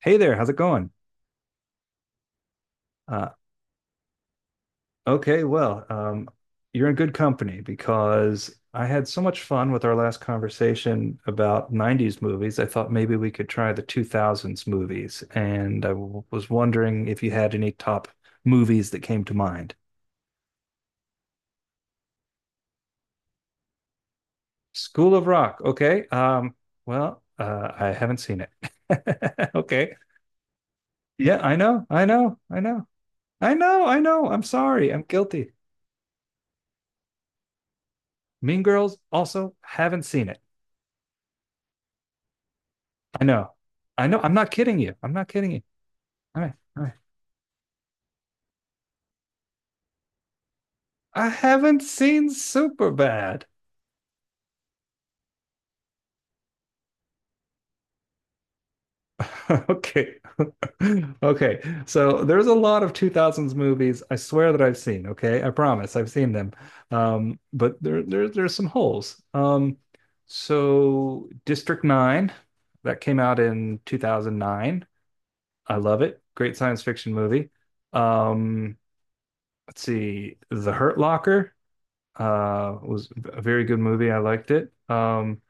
Hey there, how's it going? Uh, okay, well, you're in good company because I had so much fun with our last conversation about 90s movies. I thought maybe we could try the 2000s movies, and I w was wondering if you had any top movies that came to mind. School of Rock, okay. Well, I haven't seen it. Okay. Yeah, I know, I know, I know, I know, I know. I'm sorry, I'm guilty. Mean Girls, also haven't seen it. I know. I know. I'm not kidding you. I'm not kidding you. All right. All right. I haven't seen Superbad. Okay. Okay. So there's a lot of 2000s movies I swear that I've seen, okay? I promise I've seen them. But there's some holes. So District 9 that came out in 2009. I love it. Great science fiction movie. Um, let's see. The Hurt Locker was a very good movie. I liked it.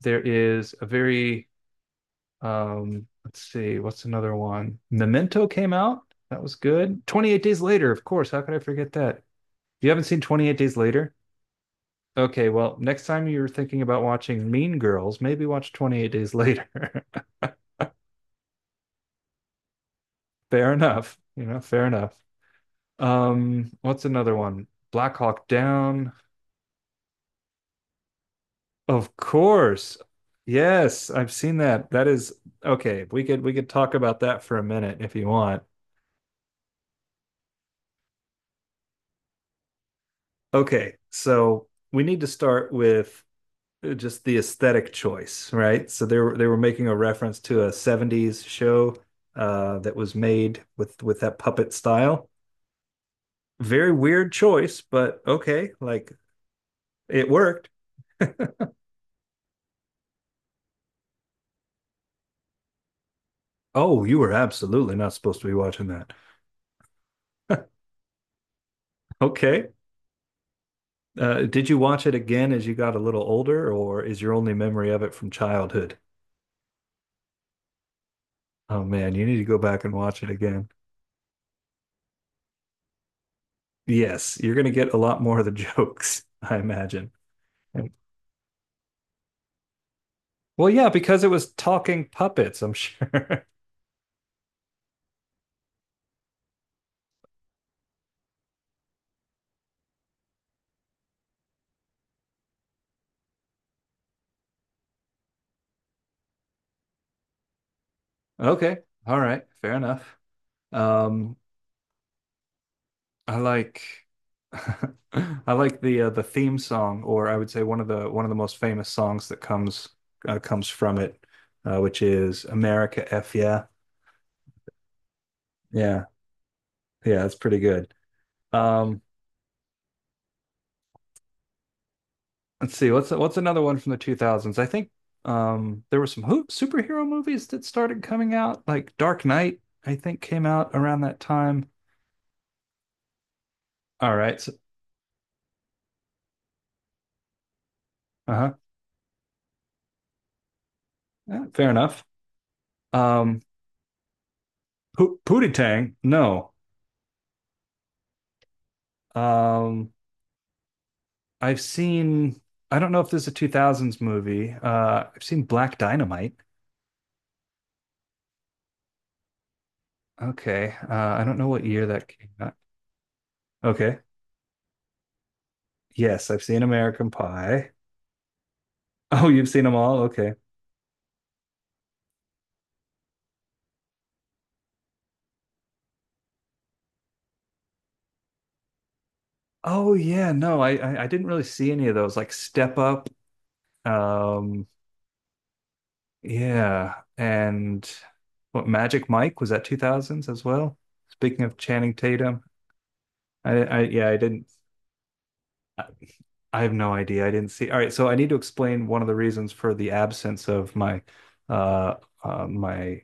There is a very let's see, what's another one? Memento came out. That was good. 28 Days Later, of course. How could I forget that? You haven't seen 28 Days Later? Okay, well, next time you're thinking about watching Mean Girls, maybe watch 28 Days Later. Fair enough. Fair enough. What's another one? Black Hawk Down. Of course. Yes, I've seen that. That is okay. We could talk about that for a minute if you want. Okay, so we need to start with just the aesthetic choice, right? So they were making a reference to a 70s show that was made with that puppet style. Very weird choice, but okay, like it worked. Oh, you were absolutely not supposed to be watching that. Okay, did you watch it again as you got a little older, or is your only memory of it from childhood? Oh man, you need to go back and watch it again. Yes, you're going to get a lot more of the jokes, I imagine. Well, yeah, because it was talking puppets, I'm sure. Okay, all right, fair enough. Um, I like I like the theme song, or I would say one of the most famous songs that comes comes from it, which is America F yeah. Yeah, yeah, it's pretty good. Um, let's see, what's another one from the 2000s? I think there were some hoop superhero movies that started coming out, like Dark Knight, I think came out around that time. All right. So, uh-huh. Yeah, fair enough. Um Pootie Tang, no. Um I've seen I don't know if this is a 2000s movie. I've seen Black Dynamite. Okay. I don't know what year that came out. Okay. Yes, I've seen American Pie. Oh, you've seen them all? Okay. Oh yeah, no, I didn't really see any of those like Step Up, um, yeah, and what Magic Mike was that 2000s as well? Speaking of Channing Tatum, I yeah, I, I have no idea. I didn't see. All right, so I need to explain one of the reasons for the absence of my uh, uh my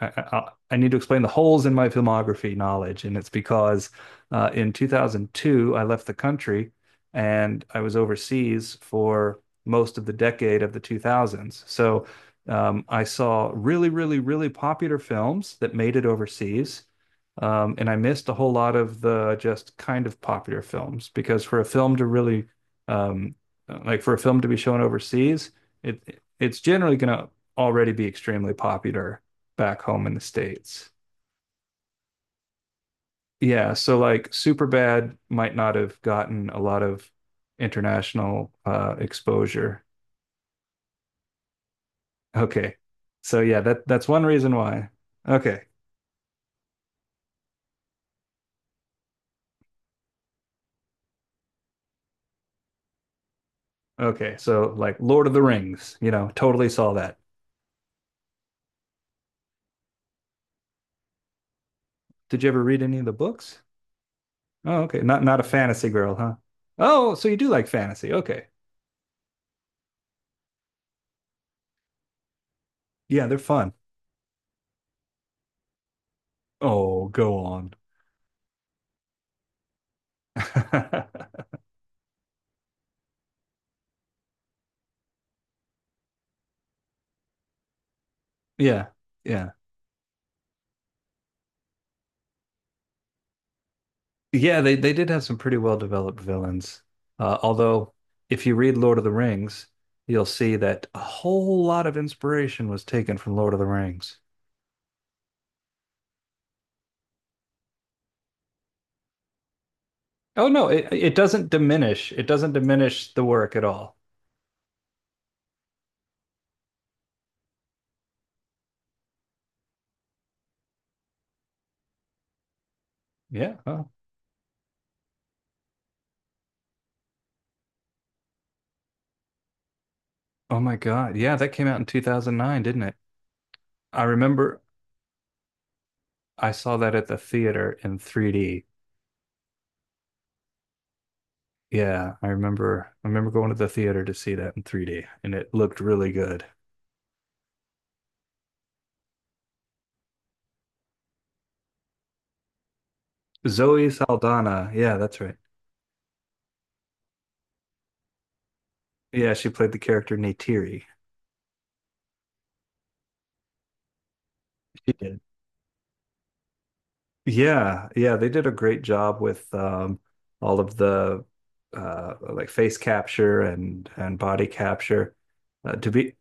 I need to explain the holes in my filmography knowledge, and it's because in 2002 I left the country and I was overseas for most of the decade of the 2000s. So I saw really, really, really popular films that made it overseas. And I missed a whole lot of the just kind of popular films because for a film to really, um, like for a film to be shown overseas, it's generally going to already be extremely popular back home in the States. Yeah, so like Superbad might not have gotten a lot of international exposure. Okay. So yeah, that's one reason why. Okay. Okay. So like Lord of the Rings, totally saw that. Did you ever read any of the books? Oh, okay. Not a fantasy girl, huh? Oh, so you do like fantasy. Okay. Yeah, they're fun. Oh, go on. Yeah. Yeah. Yeah, they did have some pretty well developed villains. Although, if you read Lord of the Rings, you'll see that a whole lot of inspiration was taken from Lord of the Rings. Oh no, it doesn't diminish. It doesn't diminish the work at all. Yeah. Oh, oh my God. Yeah, that came out in 2009, didn't it? I remember I saw that at the theater in 3D. Yeah, I remember going to the theater to see that in 3D, and it looked really good. Zoe Saldana. Yeah, that's right. Yeah, she played the character Neytiri. She did. Yeah, yeah, they did a great job with all of the like face capture and body capture. To be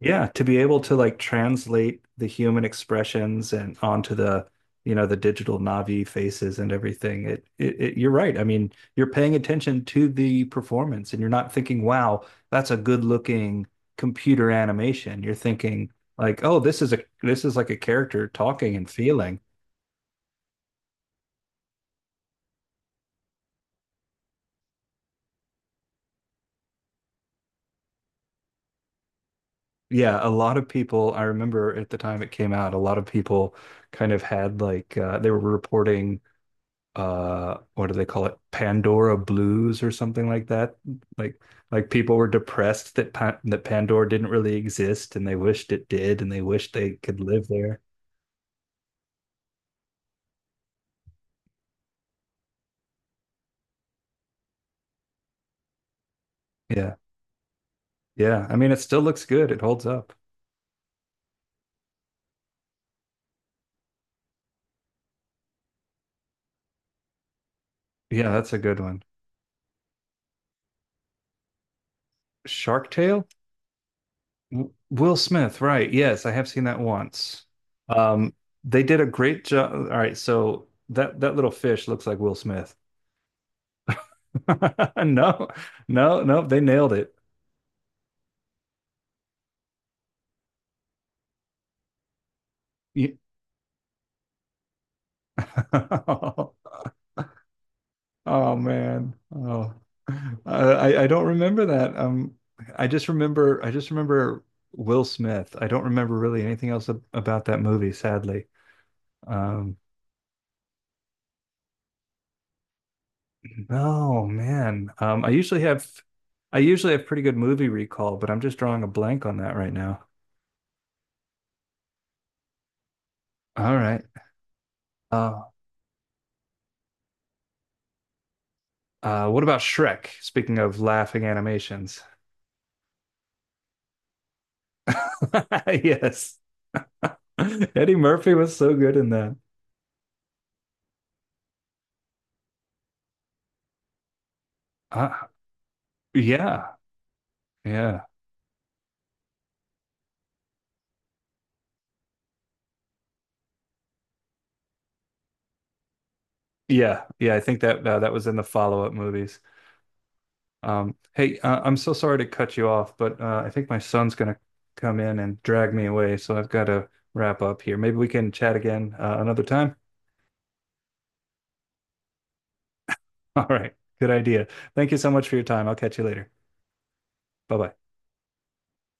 Yeah, to be able to like translate the human expressions and onto the digital Navi faces and everything. It you're right. I mean, you're paying attention to the performance and you're not thinking, wow, that's a good looking computer animation. You're thinking like, oh, this is like a character talking and feeling. Yeah, a lot of people, I remember at the time it came out, a lot of people kind of had like they were reporting what do they call it Pandora blues or something like that like like people were depressed that pa that Pandora didn't really exist and they wished it did and they wished they could live there. Yeah, yeah, I mean it still looks good, it holds up. Yeah, that's a good one. Shark Tale. Will Smith, right? Yes, I have seen that once. um they did a great job. All right, so that little fish looks like Will Smith. No, no, no, they nailed it. Yeah. Oh man. Oh. I don't remember that. I just remember Will Smith. I don't remember really anything else about that movie, sadly. Um oh man. I usually have pretty good movie recall, but I'm just drawing a blank on that right now. All right. Uh what about Shrek? Speaking of laughing animations. Yes. Eddie Murphy was so good in that. Uh, yeah. Yeah. Yeah, yeah, I think that that was in the follow-up movies. Hey, I'm so sorry to cut you off, but I think my son's gonna come in and drag me away, so I've got to wrap up here. Maybe we can chat again another time. All right, good idea. Thank you so much for your time. I'll catch you later. Bye bye.